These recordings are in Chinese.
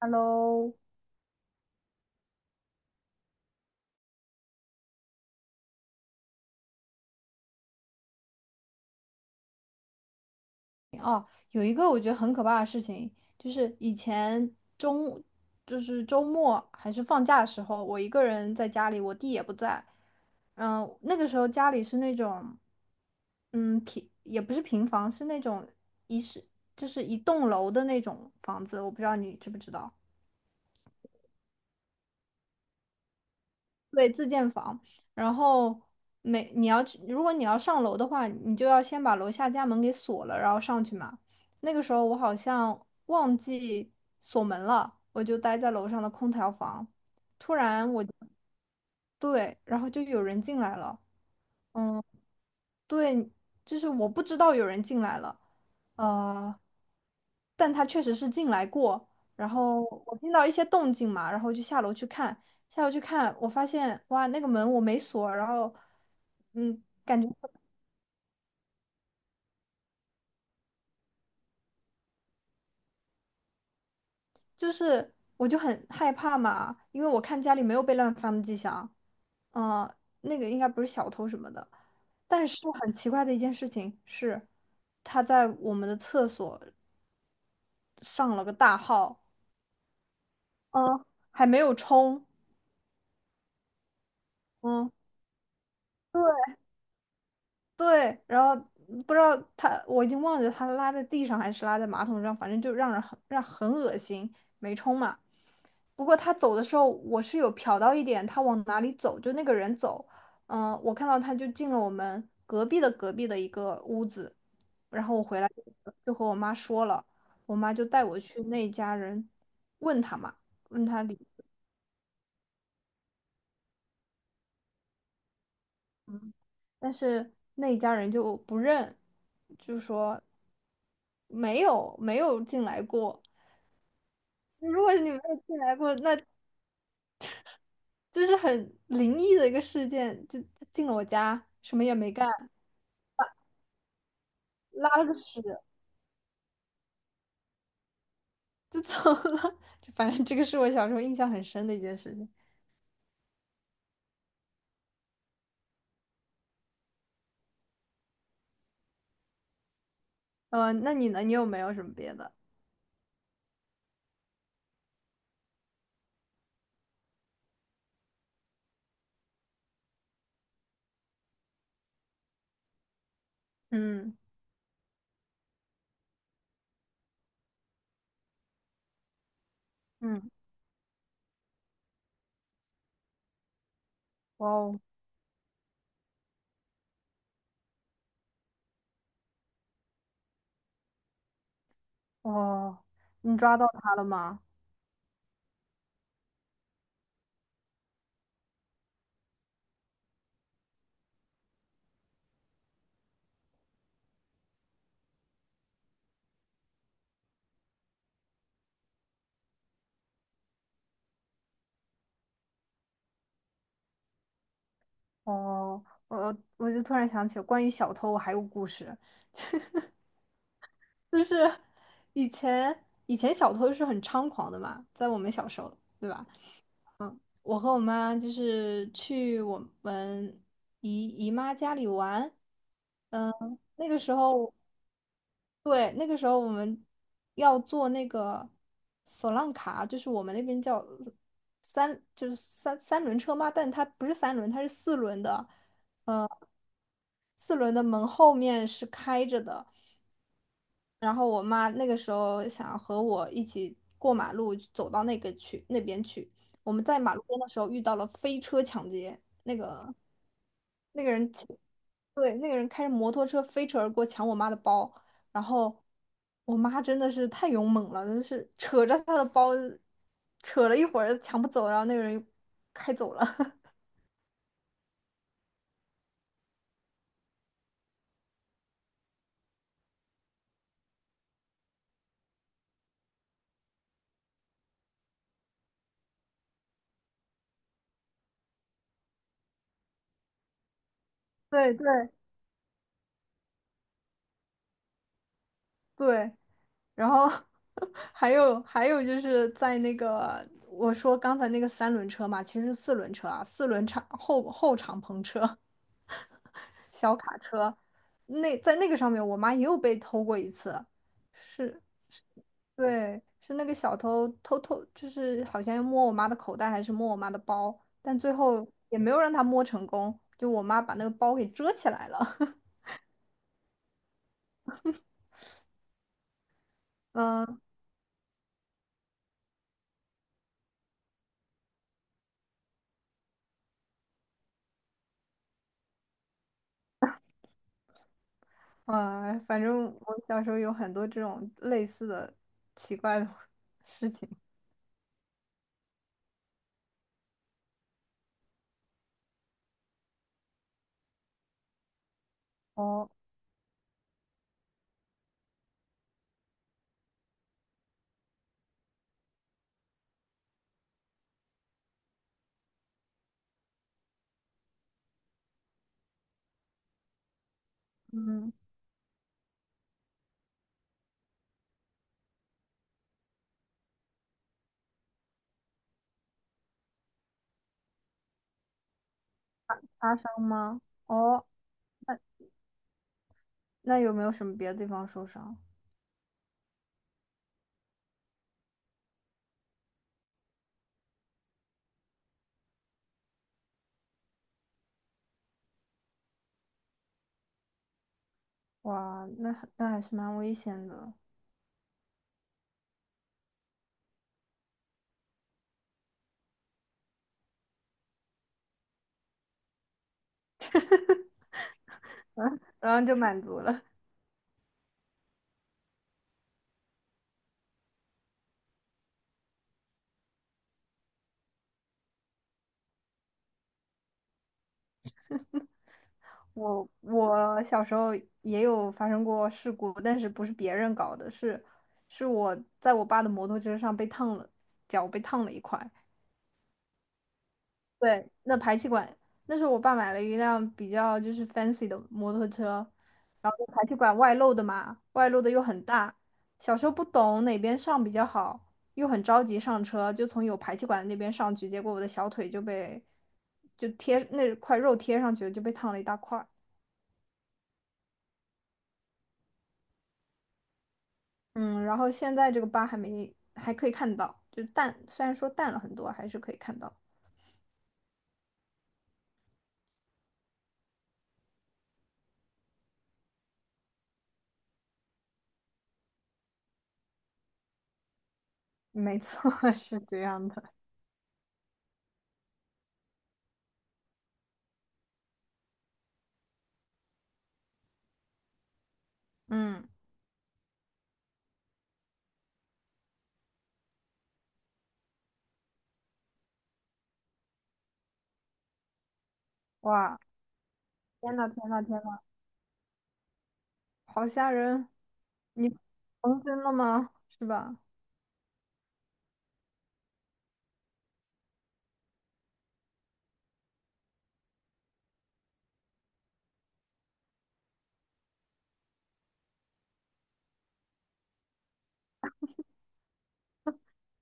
Hello，哦，有一个我觉得很可怕的事情，就是以前中，就是周末还是放假的时候，我一个人在家里，我弟也不在。嗯，那个时候家里是那种，嗯，平也不是平房，是那种一室，就是一栋楼的那种房子，我不知道你知不知道。对，自建房。然后每你要去，如果你要上楼的话，你就要先把楼下家门给锁了，然后上去嘛。那个时候我好像忘记锁门了，我就待在楼上的空调房。突然我，对，然后就有人进来了。嗯。对，就是我不知道有人进来了，呃，但他确实是进来过。然后我听到一些动静嘛，然后就下楼去看，下楼去看，我发现哇，那个门我没锁，然后嗯，感觉就是我就很害怕嘛，因为我看家里没有被乱翻的迹象，嗯、那个应该不是小偷什么的。但是很奇怪的一件事情是，他在我们的厕所上了个大号。嗯，还没有冲，嗯，对，对，然后不知道他，我已经忘记他拉在地上还是拉在马桶上，反正就让人很让很恶心，没冲嘛。不过他走的时候，我是有瞟到一点，他往哪里走，就那个人走，嗯，我看到他就进了我们隔壁的隔壁的一个屋子，然后我回来就和我妈说了，我妈就带我去那家人问他嘛，问他里。嗯但是那一家人就不认，就说没有进来过。如果是你没有进来过，那就是很灵异的一个事件，就他进了我家，什么也没干，拉了个屎就走了。就反正这个是我小时候印象很深的一件事情。那你呢？你有没有什么别的？嗯嗯，哇哦哦，你抓到他了吗？哦，我就突然想起关于小偷，我还有故事。就是以前小偷是很猖狂的嘛，在我们小时候，对吧？我和我妈就是去我们姨妈家里玩，嗯，那个时候，对，那个时候我们要坐那个索浪卡，就是我们那边叫三，就是三轮车嘛，但它不是三轮，它是四轮的，四轮的门后面是开着的。然后我妈那个时候想和我一起过马路，走到那个去那边去。我们在马路边的时候遇到了飞车抢劫，那个人骑对，那个人开着摩托车飞驰而过，抢我妈的包。然后我妈真的是太勇猛了，真是扯着她的包，扯了一会儿抢不走，然后那个人又开走了。对对对，然后 还有就是在那个我说刚才那个三轮车嘛，其实是四轮车啊，四轮敞后敞篷车、小卡车，那在那个上面，我妈也有被偷过一次，是，对，是那个小偷，就是好像摸我妈的口袋还是摸我妈的包，但最后也没有让她摸成功，就我妈把那个包给遮起来了，嗯。啊，反正我小时候有很多这种类似的奇怪的 事情。哦，嗯，擦伤吗？哦，那那有没有什么别的地方受伤？哇，那那还是蛮危险的。然后就满足了。我小时候也有发生过事故，但是不是别人搞的，是是我在我爸的摩托车上被烫了，脚被烫了一块。对，那排气管，那时候我爸买了一辆比较就是 fancy 的摩托车，然后排气管外露的嘛，外露的又很大，小时候不懂哪边上比较好，又很着急上车，就从有排气管的那边上去，结果我的小腿就被就贴那块肉贴上去了，就被烫了一大块儿。嗯，然后现在这个疤还没还可以看到，就淡，虽然说淡了很多，还是可以看到。没错，是这样的。嗯，哇，天呐天呐天呐，好吓人。你重真了吗？是吧？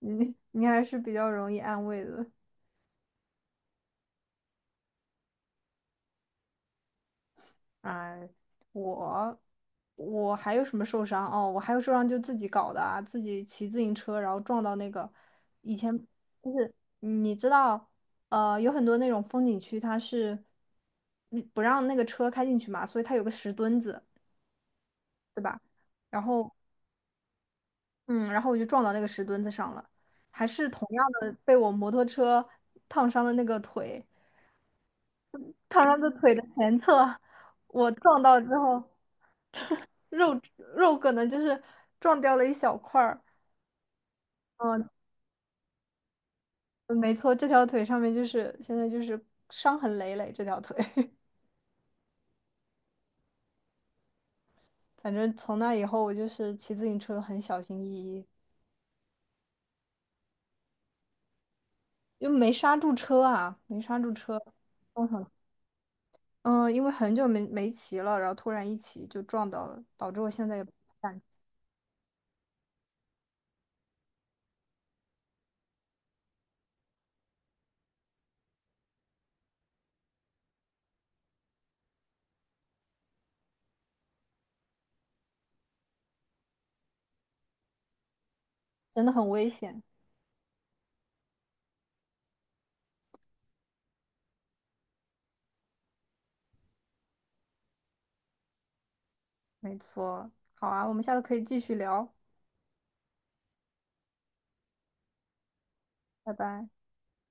你你还是比较容易安慰的。哎，我我还有什么受伤？哦，我还有受伤就自己搞的啊，自己骑自行车然后撞到那个以前就是你知道，有很多那种风景区它是嗯不让那个车开进去嘛，所以它有个石墩子，对吧？然后嗯，然后我就撞到那个石墩子上了，还是同样的被我摩托车烫伤的那个腿。唐人的腿的前侧，我撞到之后，肉肉可能就是撞掉了一小块儿。嗯，嗯没错，这条腿上面就是现在就是伤痕累累，这条腿。反正从那以后，我就是骑自行车很小心翼翼，因为没刹住车啊，没刹住车，撞上了嗯，因为很久没骑了，然后突然一骑就撞到了，导致我现在也不敢真的很危险。没错，好啊，我们下次可以继续聊，拜拜。